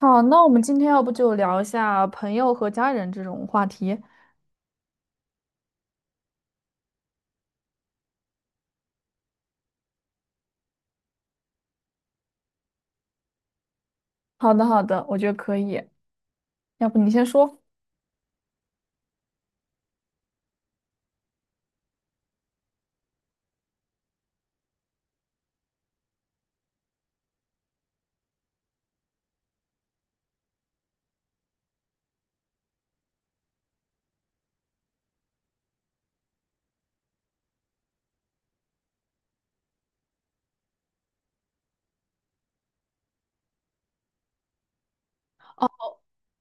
好，那我们今天要不就聊一下朋友和家人这种话题。好的，好的，我觉得可以。要不你先说。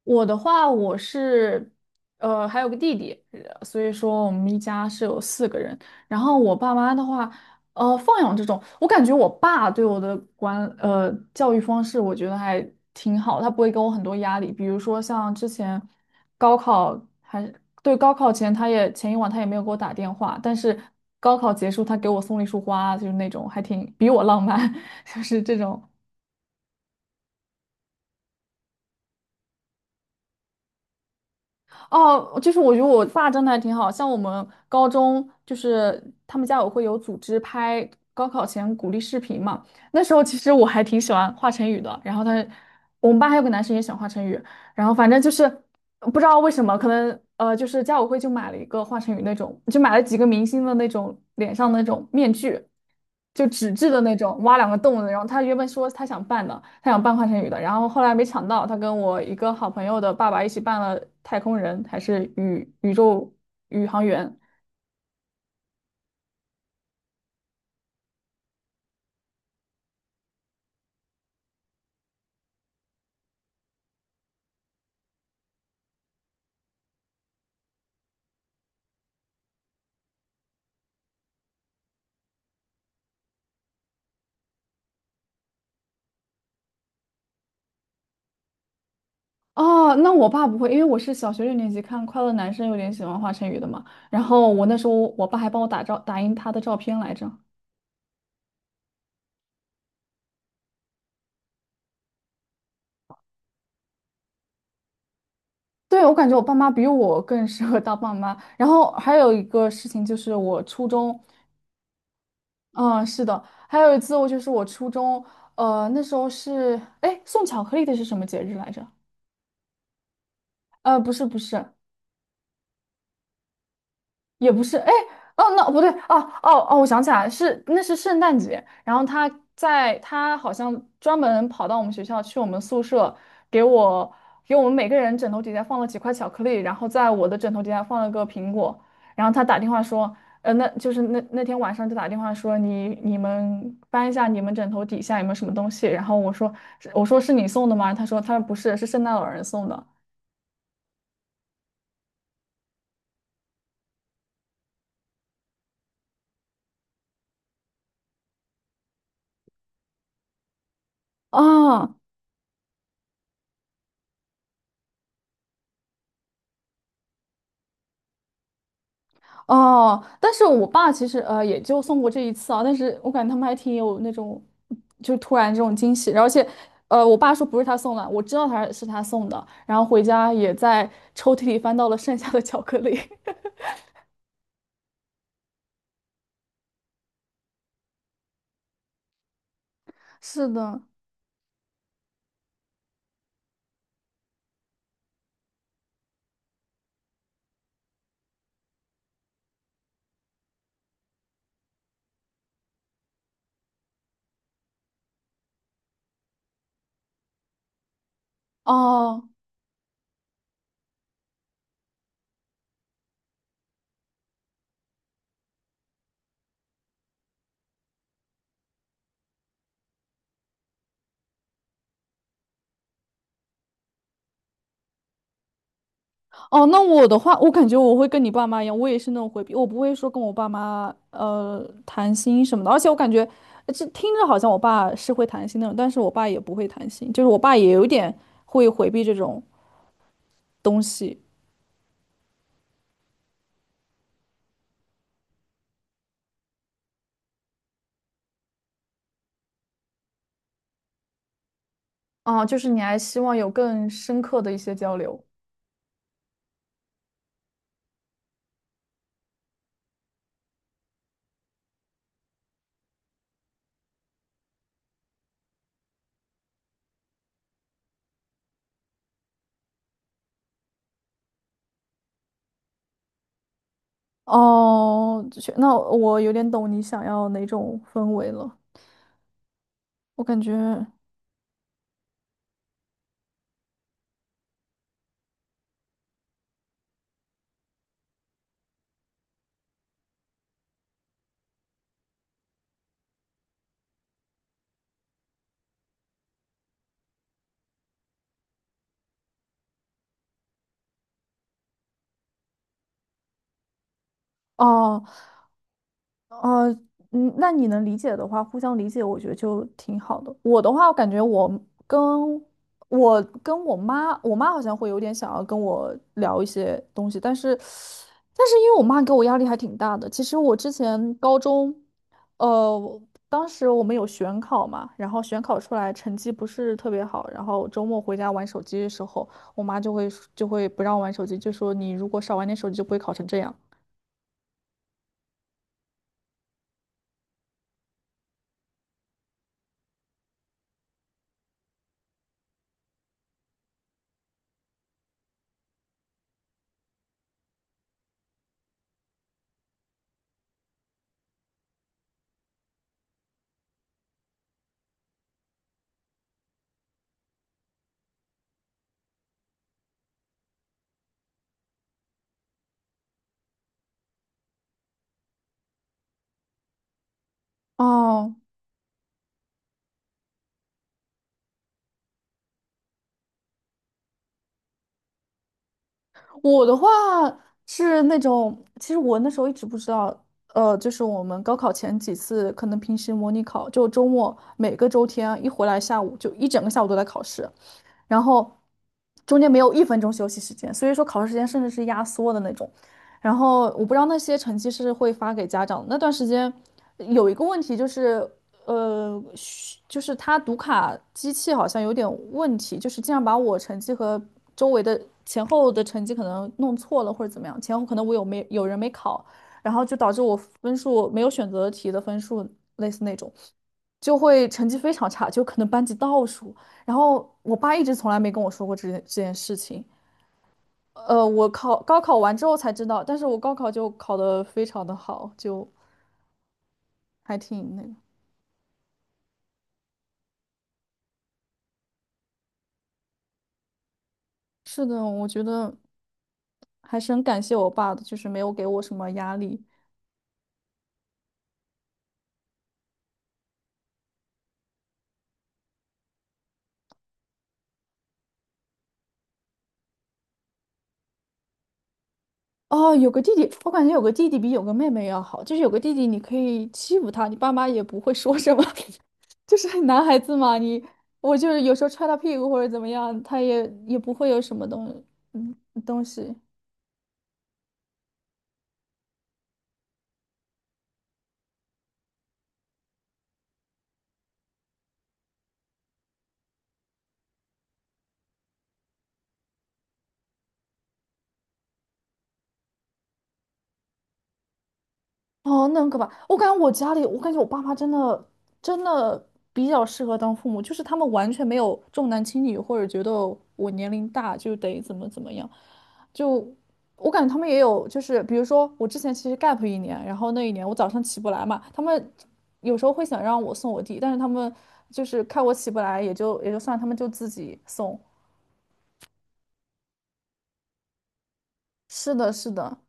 我的话，我是还有个弟弟，所以说我们一家是有四个人。然后我爸妈的话，放养这种，我感觉我爸对我的教育方式，我觉得还挺好，他不会给我很多压力。比如说像之前高考还对，高考前，他也前一晚他也没有给我打电话，但是高考结束他给我送了一束花，就是那种还挺比我浪漫，就是这种。哦，就是我觉得我爸真的还挺好，像我们高中就是他们家委会有组织拍高考前鼓励视频嘛，那时候其实我还挺喜欢华晨宇的，然后我们班还有个男生也喜欢华晨宇，然后反正就是不知道为什么，可能就是家委会就买了一个华晨宇那种，就买了几个明星的那种脸上的那种面具，就纸质的那种，挖两个洞的。然后他原本说他想办的，他想办华晨宇的，然后后来没抢到，他跟我一个好朋友的爸爸一起办了太空人，还是宇航员。哦，那我爸不会，因为我是小学六年级看《快乐男生》，有点喜欢华晨宇的嘛。然后我那时候，我爸还帮我打印他的照片来着。对，我感觉我爸妈比我更适合当爸妈。然后还有一个事情就是我初中，嗯，是的，还有一次我就是我初中，那时候是，哎，送巧克力的是什么节日来着？不是不是，也不是，哎，哦，那不对，哦哦哦，我想起来，是那是圣诞节，然后他好像专门跑到我们学校去我们宿舍，给我给我们每个人枕头底下放了几块巧克力，然后在我的枕头底下放了个苹果，然后他打电话说，那天晚上就打电话说你们翻一下你们枕头底下有没有什么东西，然后我说是你送的吗？他说不是，是圣诞老人送的。哦，哦，但是我爸其实也就送过这一次啊，但是我感觉他们还挺有那种，就是突然这种惊喜，而且，我爸说不是他送的，我知道他送的，然后回家也在抽屉里翻到了剩下的巧克力。是的。哦哦，那我的话，我感觉我会跟你爸妈一样，我也是那种回避，我不会说跟我爸妈谈心什么的，而且我感觉这听着好像我爸是会谈心那种，但是我爸也不会谈心，就是我爸也有一点会回避这种东西。哦，就是你还希望有更深刻的一些交流。哦，就是那我有点懂你想要哪种氛围了。我感觉，哦，哦，嗯，那你能理解的话，互相理解，我觉得就挺好的。我的话，我感觉跟我跟我妈，我妈好像会有点想要跟我聊一些东西，但是，因为我妈给我压力还挺大的。其实我之前高中，呃，当时我们有选考嘛，然后选考出来成绩不是特别好，然后周末回家玩手机的时候，我妈就会不让我玩手机，就说你如果少玩点手机，就不会考成这样。哦，我的话是那种，其实我那时候一直不知道，就是我们高考前几次可能平时模拟考，就周末每个周天啊一回来下午就一整个下午都在考试，然后中间没有一分钟休息时间，所以说考试时间甚至是压缩的那种。然后我不知道那些成绩是会发给家长的那段时间有一个问题就是，就是他读卡机器好像有点问题，就是经常把我成绩和周围的前后的成绩可能弄错了或者怎么样，前后可能我有没有人没考，然后就导致我分数没有选择题的分数类似那种，就会成绩非常差，就可能班级倒数。然后我爸一直从来没跟我说过这件事情。我考高考完之后才知道，但是我高考就考得非常的好，就还挺那个。是的，我觉得还是很感谢我爸的，就是没有给我什么压力。哦，有个弟弟，我感觉有个弟弟比有个妹妹要好，就是有个弟弟你可以欺负他，你爸妈也不会说什么。就是男孩子嘛，我就是有时候踹他屁股或者怎么样，他也不会有什么嗯东西。哦，那很可怕。我感觉我家里，我感觉我爸妈真的真的比较适合当父母，就是他们完全没有重男轻女，或者觉得我年龄大就得怎么怎么样。就我感觉他们也有，就是比如说我之前其实 gap 一年，然后那一年我早上起不来嘛，他们有时候会想让我送我弟，但是他们就是看我起不来，也就算了，他们就自己送。是的，是的。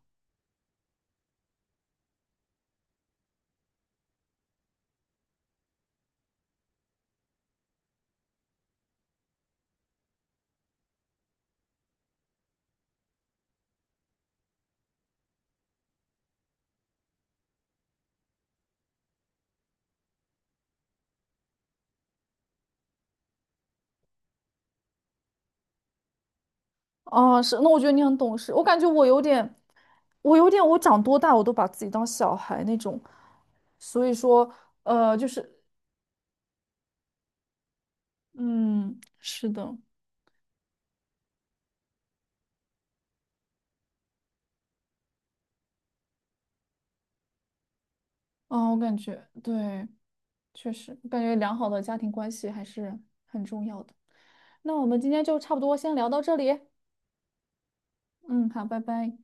哦，是，那我觉得你很懂事。我感觉我有点，我长多大我都把自己当小孩那种。所以说，就是，嗯，是的。啊，我感觉对，确实，我感觉良好的家庭关系还是很重要的。那我们今天就差不多先聊到这里。嗯，好，拜拜。